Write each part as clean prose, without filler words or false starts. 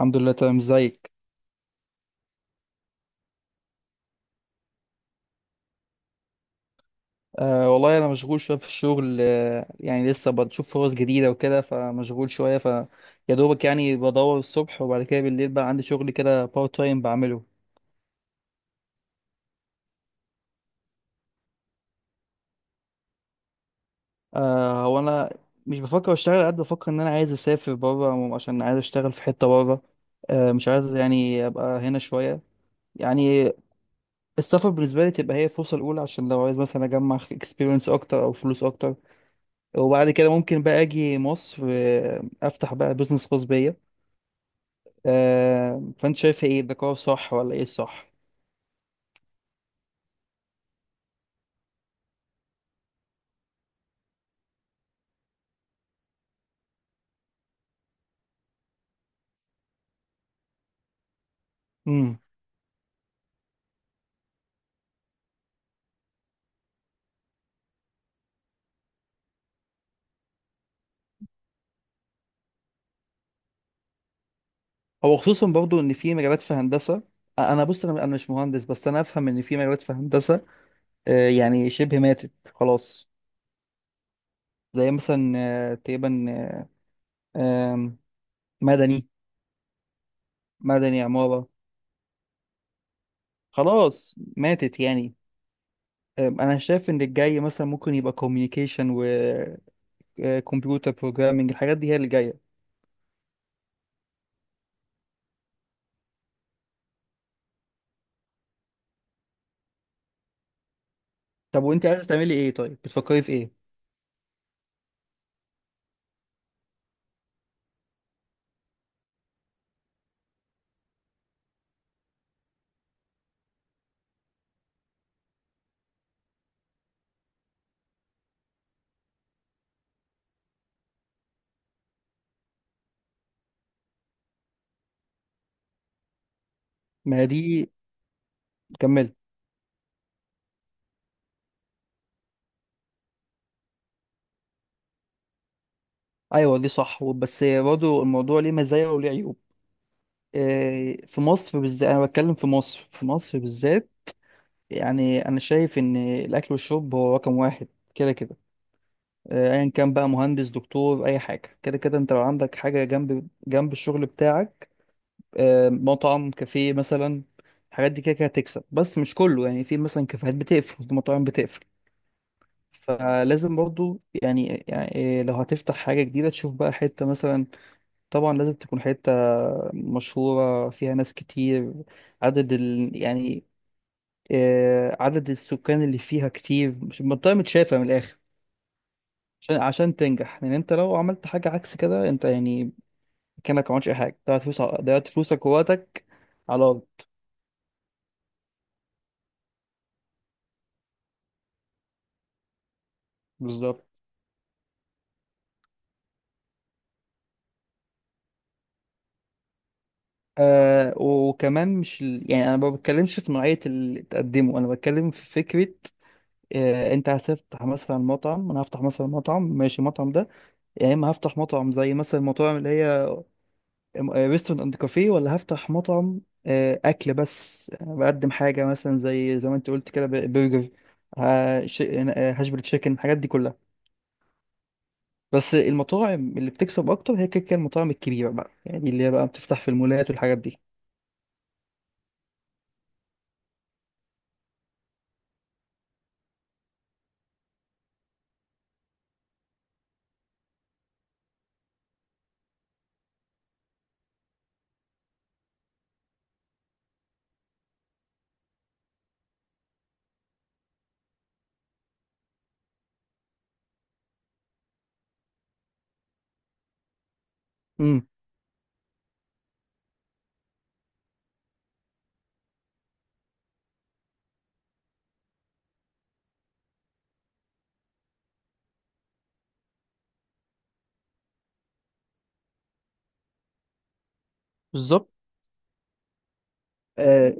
الحمد لله، تمام. ازيك؟ أه والله، انا مشغول شويه في الشغل. يعني لسه بشوف فرص جديده وكده، فمشغول شويه يا دوبك يعني. بدور الصبح وبعد كده بالليل بقى عندي شغل كده بارت تايم بعمله. أه وانا مش بفكر اشتغل قد بفكر ان انا عايز اسافر بره، عشان عايز اشتغل في حته بره. أه مش عايز يعني ابقى هنا شويه يعني. السفر بالنسبه لي تبقى هي الفرصه الاولى، عشان لو عايز مثلا اجمع اكسبيرينس اكتر او فلوس اكتر. وبعد كده ممكن بقى اجي مصر، افتح بقى بزنس خاص بيا. فانت شايف ايه؟ ده قرار صح ولا ايه الصح؟ امم هو خصوصا برضو ان في مجالات في هندسه انا بص، أنا مش مهندس بس انا افهم ان في مجالات في هندسه يعني شبه ماتت خلاص. زي مثلا تقريبا آه، آم، مدني. مدني، عماره. خلاص ماتت يعني. انا شايف ان الجاي مثلا ممكن يبقى كوميونيكيشن وكمبيوتر بروجرامنج. الحاجات دي هي اللي جايه. طب وانت عايزه تعملي ايه؟ طيب بتفكري في ايه؟ ما هي دي، كملي. ايوه دي صح، بس برضه الموضوع ليه مزايا وليه عيوب. في مصر بالذات، انا بتكلم في مصر بالذات يعني. انا شايف ان الاكل والشرب هو رقم واحد كده كده. ايا كان بقى، مهندس دكتور اي حاجه، كده كده انت لو عندك حاجه جنب جنب الشغل بتاعك، مطعم كافيه مثلا، الحاجات دي كده كده هتكسب. بس مش كله، يعني في مثلا كافيهات بتقفل، في مطاعم بتقفل. فلازم برضه يعني إيه، لو هتفتح حاجه جديده تشوف بقى حته مثلا. طبعا لازم تكون حتة مشهورة، فيها ناس كتير، عدد يعني عدد السكان اللي فيها كتير، مش منطقة متشافة من الآخر، عشان تنجح. لأن أنت لو عملت حاجة عكس كده، أنت يعني كأنك ما عملتش أي حاجة، ضيعت فلوس ضيعت فلوسك ووقتك على الأرض. بالظبط. آه، وكمان مش يعني أنا ما بتكلمش في نوعية اللي تقدمه، أنا بتكلم في فكرة. انت هتفتح مثلا مطعم، انا هفتح مثلا مطعم، ماشي. المطعم ده يا اما هفتح مطعم زي مثلا المطاعم اللي هي ريستورانت اند كافيه، ولا هفتح مطعم اكل بس. أنا بقدم حاجه مثلا زي زي ما انت قلت كده، برجر، هاش بري تشيكن، الحاجات دي كلها. بس المطاعم اللي بتكسب اكتر هي كده كده المطاعم الكبيره بقى، يعني اللي هي بقى بتفتح في المولات والحاجات دي. امم. بالظبط. آه،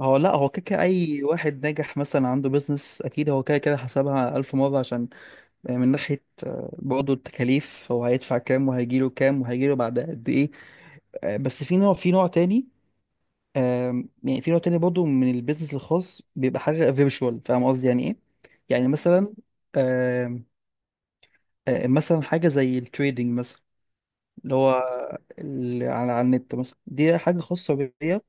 هو لا، هو كده كده اي واحد ناجح مثلا عنده بيزنس، اكيد هو كده كده حسبها الف مره، عشان من ناحيه برضه التكاليف، هو هيدفع كام وهيجيله كام وهيجيله بعد قد ايه. بس في نوع، في نوع تاني، يعني في نوع تاني برضه من البيزنس الخاص، بيبقى حاجة فيرتشوال. فاهم قصدي يعني ايه؟ يعني مثلا، آم، آه، مثلا حاجة زي التريدنج مثلا، اللي هو على النت مثلا، دي حاجة خاصة بيا.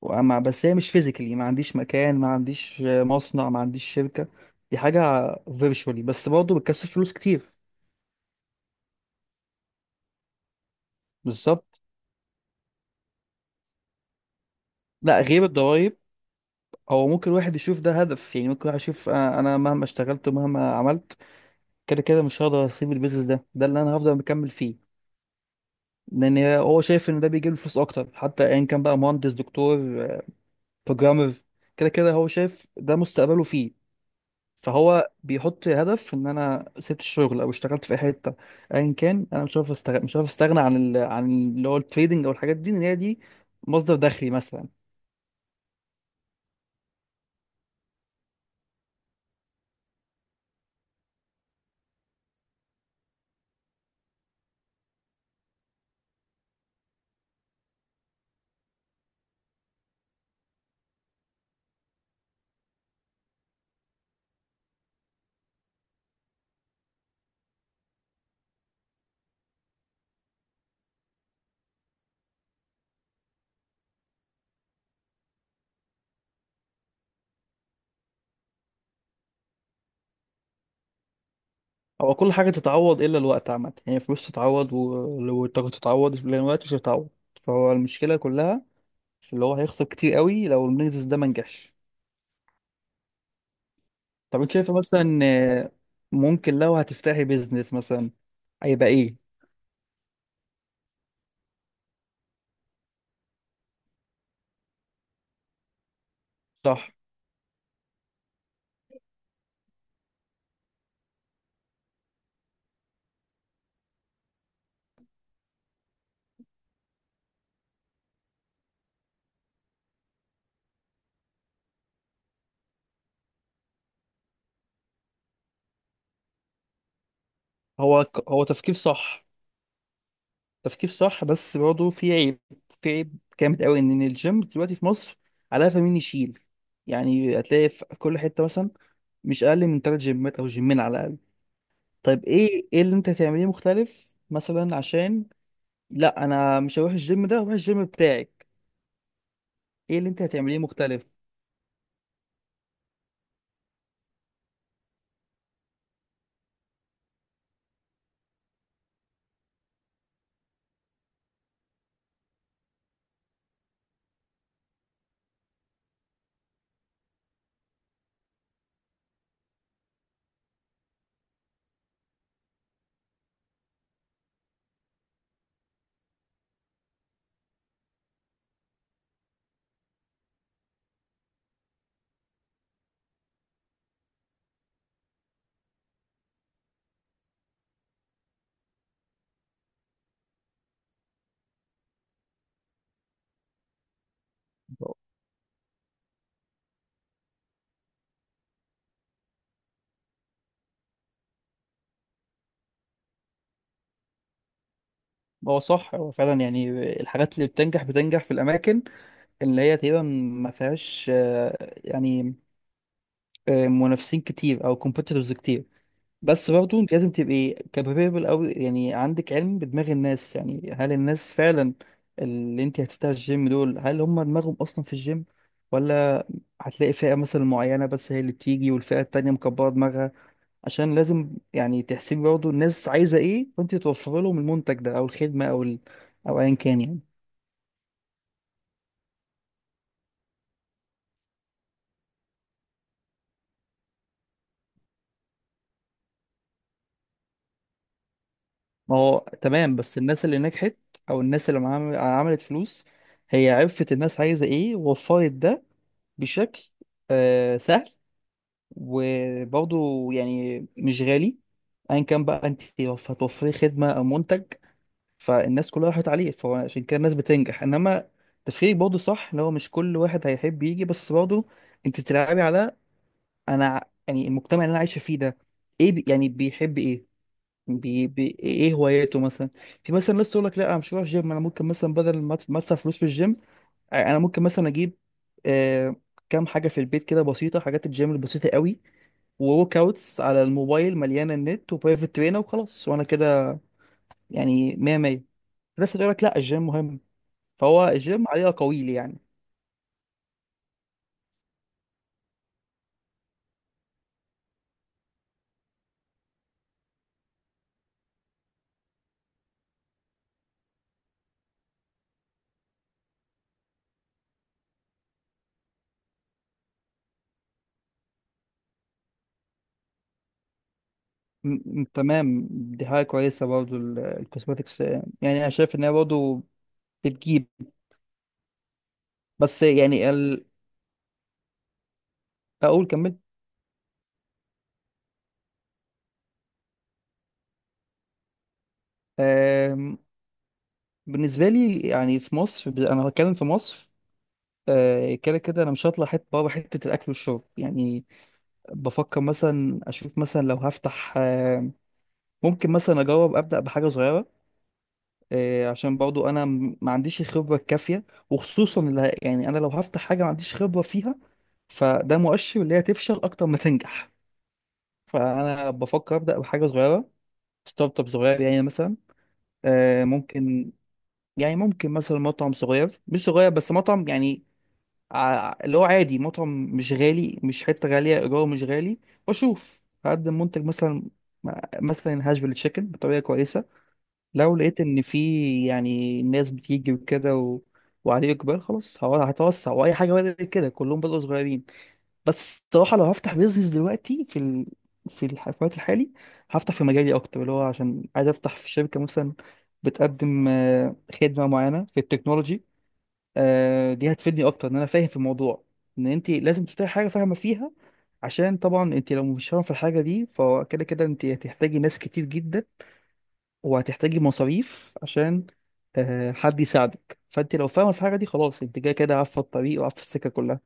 ومع، بس هي مش فيزيكالي، ما عنديش مكان، ما عنديش مصنع، ما عنديش شركة. دي حاجة فيرتشوالي، بس برضه بتكسب فلوس كتير. بالظبط. لا غير الضرايب، هو ممكن واحد يشوف ده هدف. يعني ممكن واحد يشوف انا مهما اشتغلت ومهما عملت، كده كده مش هقدر اسيب البيزنس ده. ده اللي انا هفضل مكمل فيه، لان هو شايف ان ده بيجيب له فلوس اكتر. حتى ايا كان بقى، مهندس دكتور بروجرامر، كده كده هو شايف ده مستقبله فيه. فهو بيحط هدف ان انا سبت الشغل او اشتغلت في أي حته، ايا كان انا مش عارف استغنى، مش عارف استغنى عن عن اللي هو التريدنج او الحاجات دي، ان هي دي مصدر دخلي مثلا. او كل حاجه تتعوض الا الوقت عامه، يعني فلوس تتعوض والطاقه تتعوض، لان الوقت مش هيتعوض. فهو المشكله كلها اللي هو هيخسر كتير قوي لو البيزنس ده ما نجحش. طب انت شايفه مثلا ممكن لو هتفتحي بيزنس مثلا هيبقى ايه؟ صح. هو هو تفكير صح. تفكير صح، بس برضه في عيب، في عيب جامد قوي. ان الجيم دلوقتي في مصر على قفا مين يشيل، يعني هتلاقي في كل حته مثلا مش اقل من تلات جيمات او جيمين على الاقل. طيب ايه، ايه اللي انت هتعمليه مختلف مثلا، عشان لا، انا مش هروح الجيم ده، هروح الجيم بتاعك. ايه اللي انت هتعمليه مختلف؟ هو صح، هو فعلا يعني الحاجات اللي بتنجح بتنجح في الاماكن اللي هي تقريبا ما فيهاش يعني منافسين كتير او كومبيتيتورز كتير. بس برضه انت لازم تبقي كابابل قوي، يعني عندك علم بدماغ الناس. يعني هل الناس فعلا اللي انت هتفتح الجيم دول، هل هم دماغهم اصلا في الجيم؟ ولا هتلاقي فئة مثلا معينة بس هي اللي بتيجي، والفئة التانية مكبرة دماغها. عشان لازم يعني تحسبي برضه الناس عايزة ايه، فانت توفر لهم المنتج ده او الخدمة او او ايا كان يعني. ما هو تمام، بس الناس اللي نجحت او الناس اللي عملت فلوس، هي عرفت الناس عايزة ايه ووفرت ده بشكل آه سهل وبرضه يعني مش غالي. ايا كان بقى، انت هتوفري خدمة او منتج، فالناس كلها راحت عليه. فعشان كده الناس بتنجح. انما تفكيرك برضه صح اللي هو مش كل واحد هيحب يجي، بس برضه انت بتلعبي على، انا يعني المجتمع اللي انا عايشة فيه ده ايه بي، يعني بيحب ايه؟ بي ايه هواياته مثلا؟ في مثلا ناس تقول لك لا، انا مش هروح جيم، انا ممكن مثلا بدل ما ما ادفع فلوس في الجيم، انا ممكن مثلا اجيب آه كام حاجه في البيت كده بسيطه، حاجات الجيم البسيطه قوي، وورك اوتس على الموبايل مليانه النت، وبرايفت ترينر، وخلاص وانا كده يعني 100 100. بس تقول لك لا، الجيم مهم. فهو الجيم عليه اقاويل يعني. تمام، دي حاجه كويسه برضه الكوسماتكس. يعني انا شايف ان هي برضه بتجيب، بس يعني اقول كمل. بالنسبة لي يعني في مصر، أنا هتكلم في مصر. كده كده أنا مش هطلع حتة بره، حتة الأكل والشرب يعني. بفكر مثلا أشوف مثلا لو هفتح ممكن مثلا أجرب أبدأ بحاجة صغيرة، عشان برضو أنا ما عنديش الخبرة الكافية. وخصوصا اللي يعني أنا لو هفتح حاجة ما عنديش خبرة فيها، فده مؤشر اللي هي تفشل أكتر ما تنجح. فأنا بفكر أبدأ بحاجة صغيرة، ستارت اب صغير، يعني مثلا ممكن يعني ممكن مثلا مطعم صغير، مش صغير بس مطعم يعني اللي هو عادي، مطعم مش غالي، مش حتة غالية إيجاره مش غالي. وأشوف هقدم منتج مثلا، مثلا هاشفيل تشيكن بطريقة كويسة. لو لقيت إن في يعني ناس بتيجي وكده وعليه إقبال، خلاص هو هتوسع. وأي حاجة بدأت كده، كلهم بدأوا صغيرين. بس الصراحة لو هفتح بيزنس دلوقتي في في الوقت الحالي، هفتح في مجالي أكتر، اللي هو عشان عايز أفتح في شركة مثلا بتقدم خدمة معينة في التكنولوجي. دي هتفيدني اكتر ان انا فاهم في الموضوع. ان انت لازم تفتحي حاجه فاهمه فيها، عشان طبعا انت لو مش فاهمه في الحاجه دي فكده كده انت هتحتاجي ناس كتير جدا، وهتحتاجي مصاريف عشان حد يساعدك. فانت لو فاهمه في الحاجه دي، خلاص، انت كده كده عارفه الطريق وعارفه السكه كلها.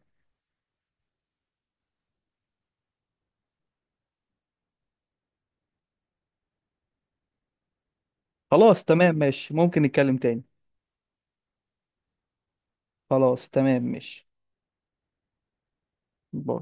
خلاص تمام، ماشي. ممكن نتكلم تاني. خلاص تمام، ماشي. باي.